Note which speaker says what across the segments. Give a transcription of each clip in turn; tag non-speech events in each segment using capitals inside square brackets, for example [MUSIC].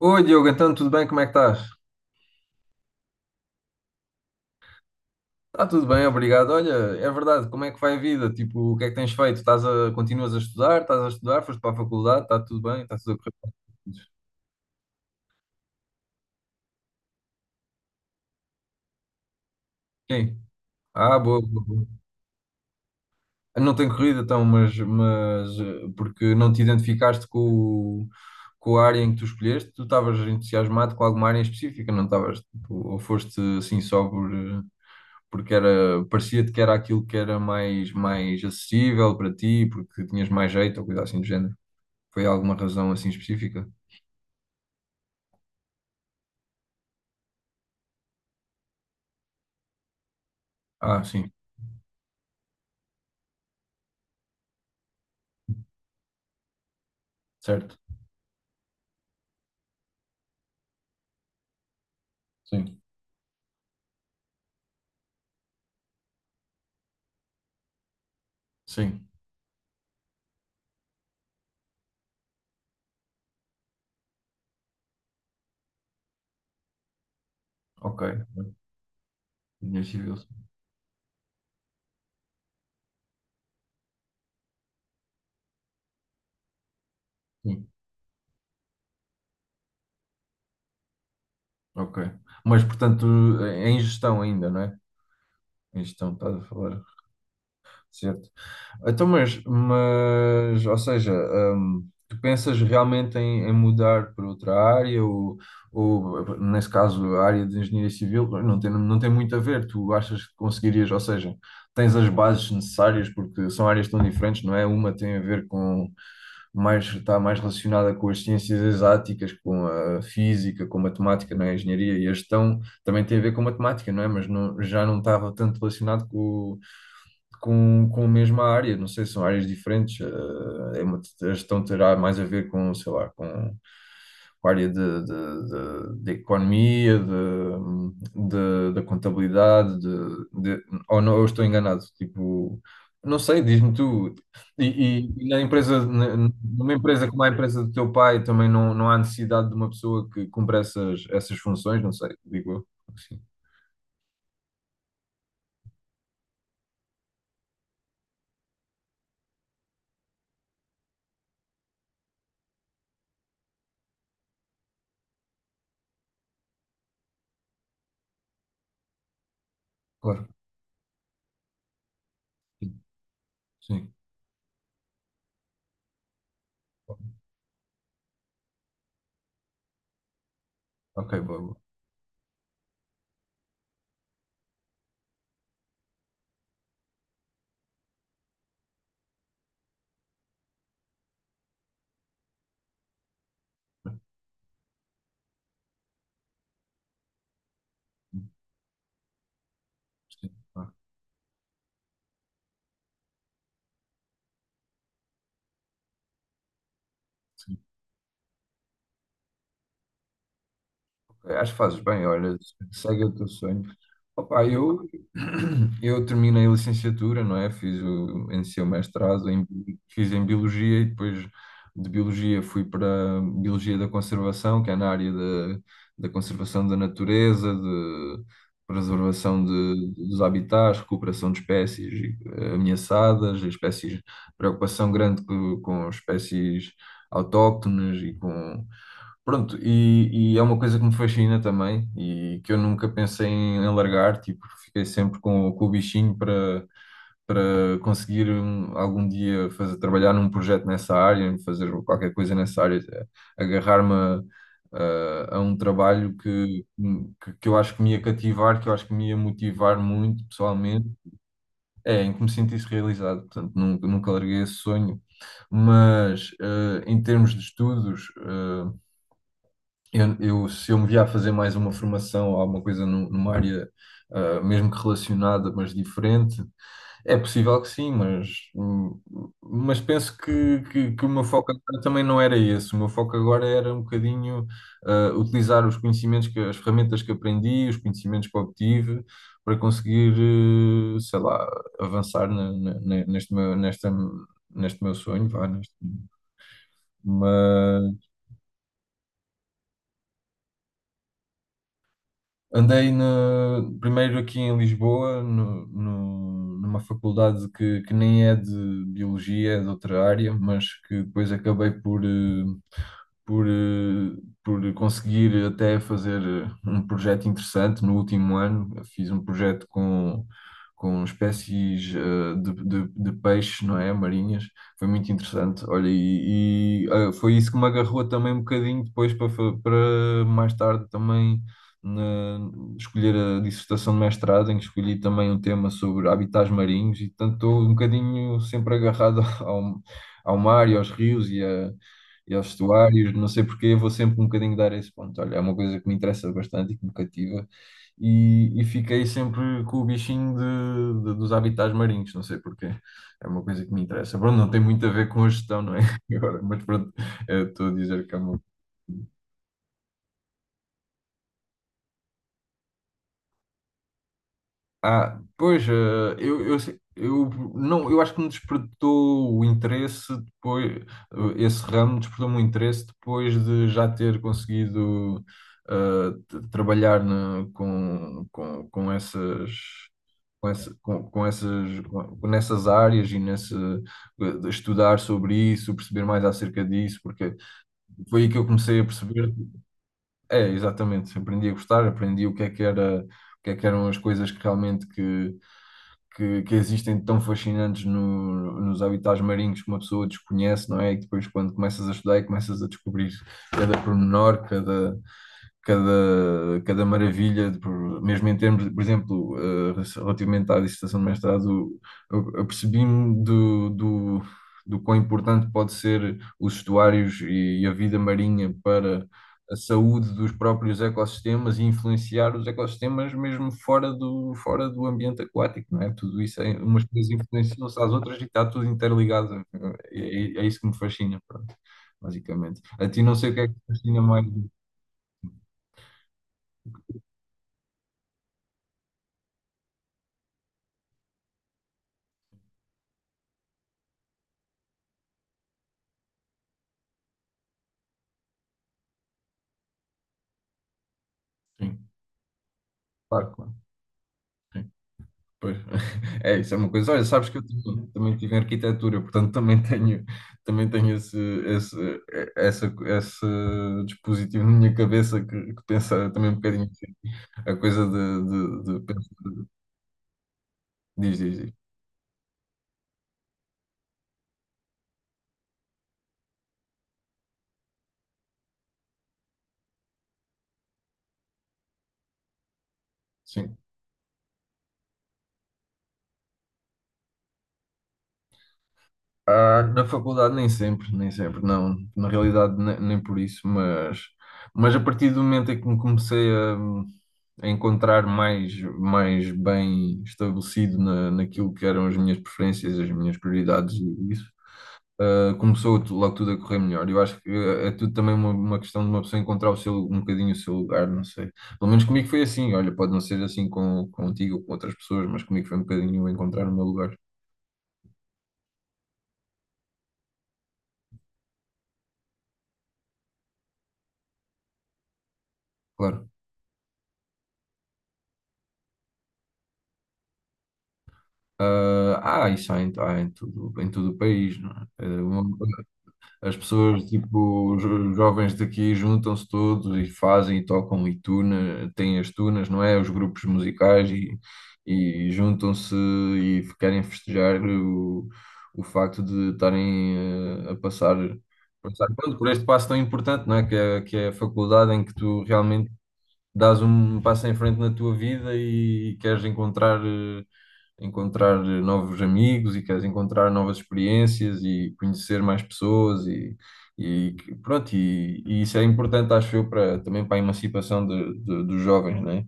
Speaker 1: Oi, Diogo, então tudo bem? Como é que estás? Está tudo bem, obrigado. Olha, é verdade, como é que vai a vida? Tipo, o que é que tens feito? Estás a, continuas a estudar? Estás a estudar? Foste para a faculdade? Está tudo bem? Está tudo a correr? Sim. Ah, boa, boa, boa. Não tem corrido então, mas porque não te identificaste com, com a área em que tu escolheste? Tu estavas entusiasmado com alguma área em específica, não estavas? Tipo, ou foste assim só porque era, parecia-te que era aquilo que era mais, mais acessível para ti, porque tinhas mais jeito ou coisa assim do género? Foi alguma razão assim específica? Ah, sim, certo. Sim, sim, ok. Engenharia civil, sim, ok. Mas, portanto, é em gestão ainda, não é? Em gestão, estás a falar, certo. Então, mas ou seja, tu pensas realmente em, em mudar para outra área ou, nesse caso, a área de engenharia civil não tem, não tem muito a ver, tu achas que conseguirias, ou seja, tens as bases necessárias porque são áreas tão diferentes, não é? Uma tem a ver com mais, está mais relacionada com as ciências exáticas, com a física, com a matemática, não é? A engenharia e a gestão também tem a ver com matemática, não é? Mas não, já não estava tanto relacionado com a mesma área, não sei, são áreas diferentes. É a gestão terá mais a ver com, sei lá, com área de, de economia, de, da contabilidade, de, ou não, eu estou enganado, tipo, não sei, diz-me tu. E, e na empresa, numa empresa como a empresa do teu pai, também não, não há necessidade de uma pessoa que cumpra essas, essas funções, não sei, digo eu. Sim, claro. Sim, sim. Ok, boa, boa. Sim, claro. Sim. Ok, acho que fazes bem, olha, segue o teu sonho. Opa, eu, [CLEARS THROAT] eu terminei a licenciatura, não é? Fiz o, iniciei o mestrado, em, fiz em Biologia e depois de Biologia fui para Biologia da Conservação, que é na área da, da conservação da natureza, de preservação de, dos habitats, recuperação de espécies ameaçadas, espécies, preocupação grande com, espécies autóctones e com pronto, e é uma coisa que me fascina também e que eu nunca pensei em, em largar, tipo, fiquei sempre com o bichinho para, para conseguir um, algum dia fazer, trabalhar num projeto nessa área, fazer qualquer coisa nessa área, agarrar-me a, a um trabalho que eu acho que me ia cativar, que eu acho que me ia motivar muito pessoalmente, é, em que me sentisse realizado, portanto, nunca, nunca larguei esse sonho, mas em termos de estudos. Eu, se eu me via a fazer mais uma formação ou alguma coisa numa área, ah, mesmo que relacionada, mas diferente, é possível que sim, mas penso que o meu foco agora também não era esse. O meu foco agora era um bocadinho, ah, utilizar os conhecimentos, que, as ferramentas que aprendi, os conhecimentos que obtive, para conseguir, sei lá, avançar neste meu, nesta, neste meu sonho, vá, neste, mas andei no primeiro aqui em Lisboa, numa faculdade que nem é de biologia, é de outra área, mas que depois acabei por, por, por conseguir até fazer um projeto interessante no último ano. Eu fiz um projeto com espécies de peixes, não é? Marinhas. Foi muito interessante. Olha, e, ah, foi isso que me agarrou também um bocadinho depois para, para mais tarde também na- escolher a dissertação de mestrado, em que escolhi também um tema sobre habitats marinhos, e portanto estou um bocadinho sempre agarrado [LAUGHS] ao, ao mar e aos rios e, e aos estuários, não sei porquê, vou sempre um bocadinho dar esse ponto. Olha, é uma coisa que me interessa bastante e que me cativa, e fiquei sempre com o bichinho de, dos habitats marinhos, não sei porquê. É uma coisa que me interessa. Pronto, não tem muito a ver com a gestão, não é? [LAUGHS] Agora, mas pronto, estou a dizer que é uma ah, pois, eu, eu não, eu acho que me despertou o interesse depois, esse ramo despertou-me o interesse depois de já ter conseguido trabalhar com essas com, essa, com essas com, nessas áreas e nesse estudar sobre isso, perceber mais acerca disso, porque foi aí que eu comecei a perceber, é, exatamente, aprendi a gostar, aprendi o que é que era, o que é que eram as coisas que realmente que existem tão fascinantes nos habitats marinhos que uma pessoa desconhece, não é? E depois, quando começas a estudar e começas a descobrir cada pormenor, cada, cada, cada maravilha, mesmo em termos, de, por exemplo, relativamente à dissertação de mestrado, eu percebi-me do, do, do quão importante pode ser os estuários e, a vida marinha para a saúde dos próprios ecossistemas e influenciar os ecossistemas mesmo fora do ambiente aquático, não é? Tudo isso, é, umas coisas influenciam-se às outras e está tudo interligado. É, é isso que me fascina, pronto, basicamente. A ti não sei o que é que te fascina mais. Sim. Claro, claro. Sim, pois. [LAUGHS] É, isso é uma coisa. Olha, sabes que eu também, também tive em arquitetura, portanto também tenho esse, esse, essa, esse dispositivo na minha cabeça que pensa também um bocadinho assim, a coisa de, diz, diz, diz. Sim. Ah, na faculdade nem sempre, nem sempre, não. Na realidade nem, por isso, mas a partir do momento em que me comecei a encontrar mais, mais bem estabelecido na, naquilo que eram as minhas preferências, as minhas prioridades e isso, ah, começou logo tudo a correr melhor. Eu acho que é tudo também uma questão de uma pessoa encontrar o seu, um bocadinho o seu lugar, não sei. Pelo menos comigo foi assim. Olha, pode não ser assim com, contigo ou com outras pessoas, mas comigo foi um bocadinho encontrar o meu lugar, claro. Ah, ah, isso há em tudo, em todo o país, não é? Eh, as pessoas, tipo, os jovens daqui juntam-se todos e fazem e tocam e tuna, têm as tunas, não é? Os grupos musicais e juntam-se e querem festejar o facto de estarem a passar, passar pronto, por este passo tão importante, não é? Que é, que é a faculdade em que tu realmente dás um passo em frente na tua vida e queres encontrar. Encontrar novos amigos e queres encontrar novas experiências e conhecer mais pessoas e pronto, e isso é importante, acho eu, para, também para a emancipação de, dos jovens, né?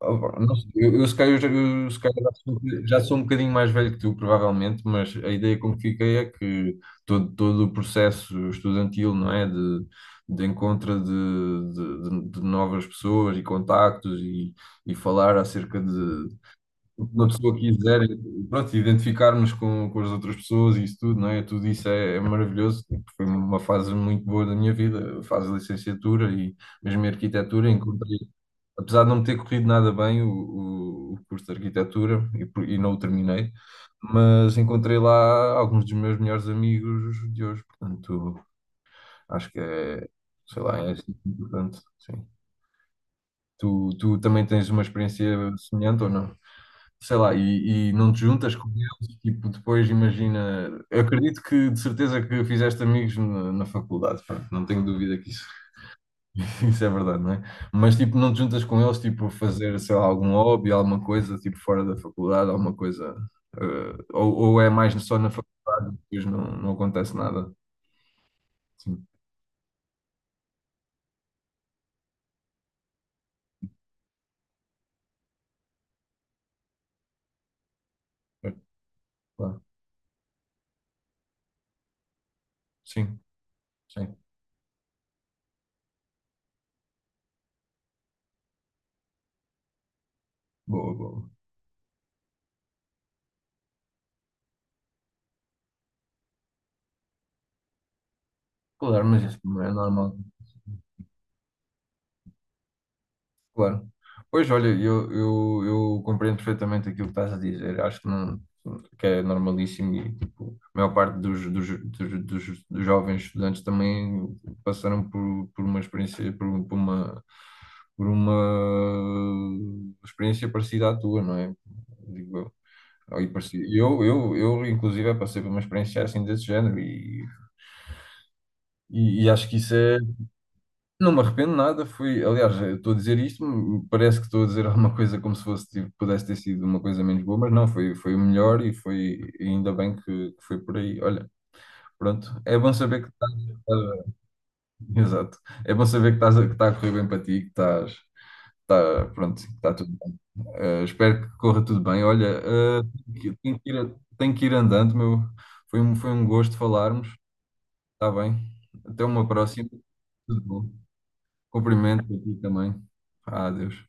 Speaker 1: Ah, opa, não sei, eu se calhar, eu, se calhar já sou, já sou um bocadinho mais velho que tu, provavelmente, mas a ideia com que fiquei é que todo, todo o processo estudantil, não é? De encontro de novas pessoas e contactos e falar acerca de, o que uma pessoa quiser, e, pronto, identificarmos com as outras pessoas e isso tudo, não é? Tudo isso é, é maravilhoso. Tipo, foi uma fase muito boa da minha vida, a fase de licenciatura e mesmo em arquitetura. Encontrei, apesar de não me ter corrido nada bem o curso de arquitetura e não o terminei, mas encontrei lá alguns dos meus melhores amigos de hoje. Portanto, acho que é, sei lá, é assim importante, sim. Tu, tu também tens uma experiência semelhante ou não? Sei lá, e não te juntas com eles, tipo, depois imagina. Eu acredito que de certeza que fizeste amigos na, na faculdade, pronto, não tenho dúvida que isso, [LAUGHS] isso é verdade, não é? Mas tipo, não te juntas com eles, tipo, a fazer, sei lá, algum hobby, alguma coisa, tipo, fora da faculdade, alguma coisa. Ou é mais só na faculdade, depois não, não acontece nada. Sim, é, claro. Sim, sim. Boa, boa. Claro, mas isso não é normal. Claro. Pois, olha, eu compreendo perfeitamente aquilo que estás a dizer. Acho que, não, que é normalíssimo e tipo, a maior parte dos, dos, dos, dos, dos jovens estudantes também passaram por uma experiência parecida à tua, não é? Digo eu. Ou e parecida. Eu, inclusive, passei por uma experiência assim desse género e acho que isso é. Não me arrependo de nada, foi, aliás, eu estou a dizer isto, parece que estou a dizer alguma coisa como se fosse, tipo, pudesse ter sido uma coisa menos boa, mas não, foi, foi o melhor e foi, e ainda bem que foi por aí. Olha, pronto, é bom saber que estás, [LAUGHS] estás- exato, é bom saber que estás, que está a correr bem para ti, que estás, está, pronto, que está tudo bem. Eh, espero que corra tudo bem. Olha, tenho que ir, tenho que ir andando, meu, foi um gosto falarmos, está bem, até uma próxima, tudo bom. Cumprimento aqui também. Ah, Deus.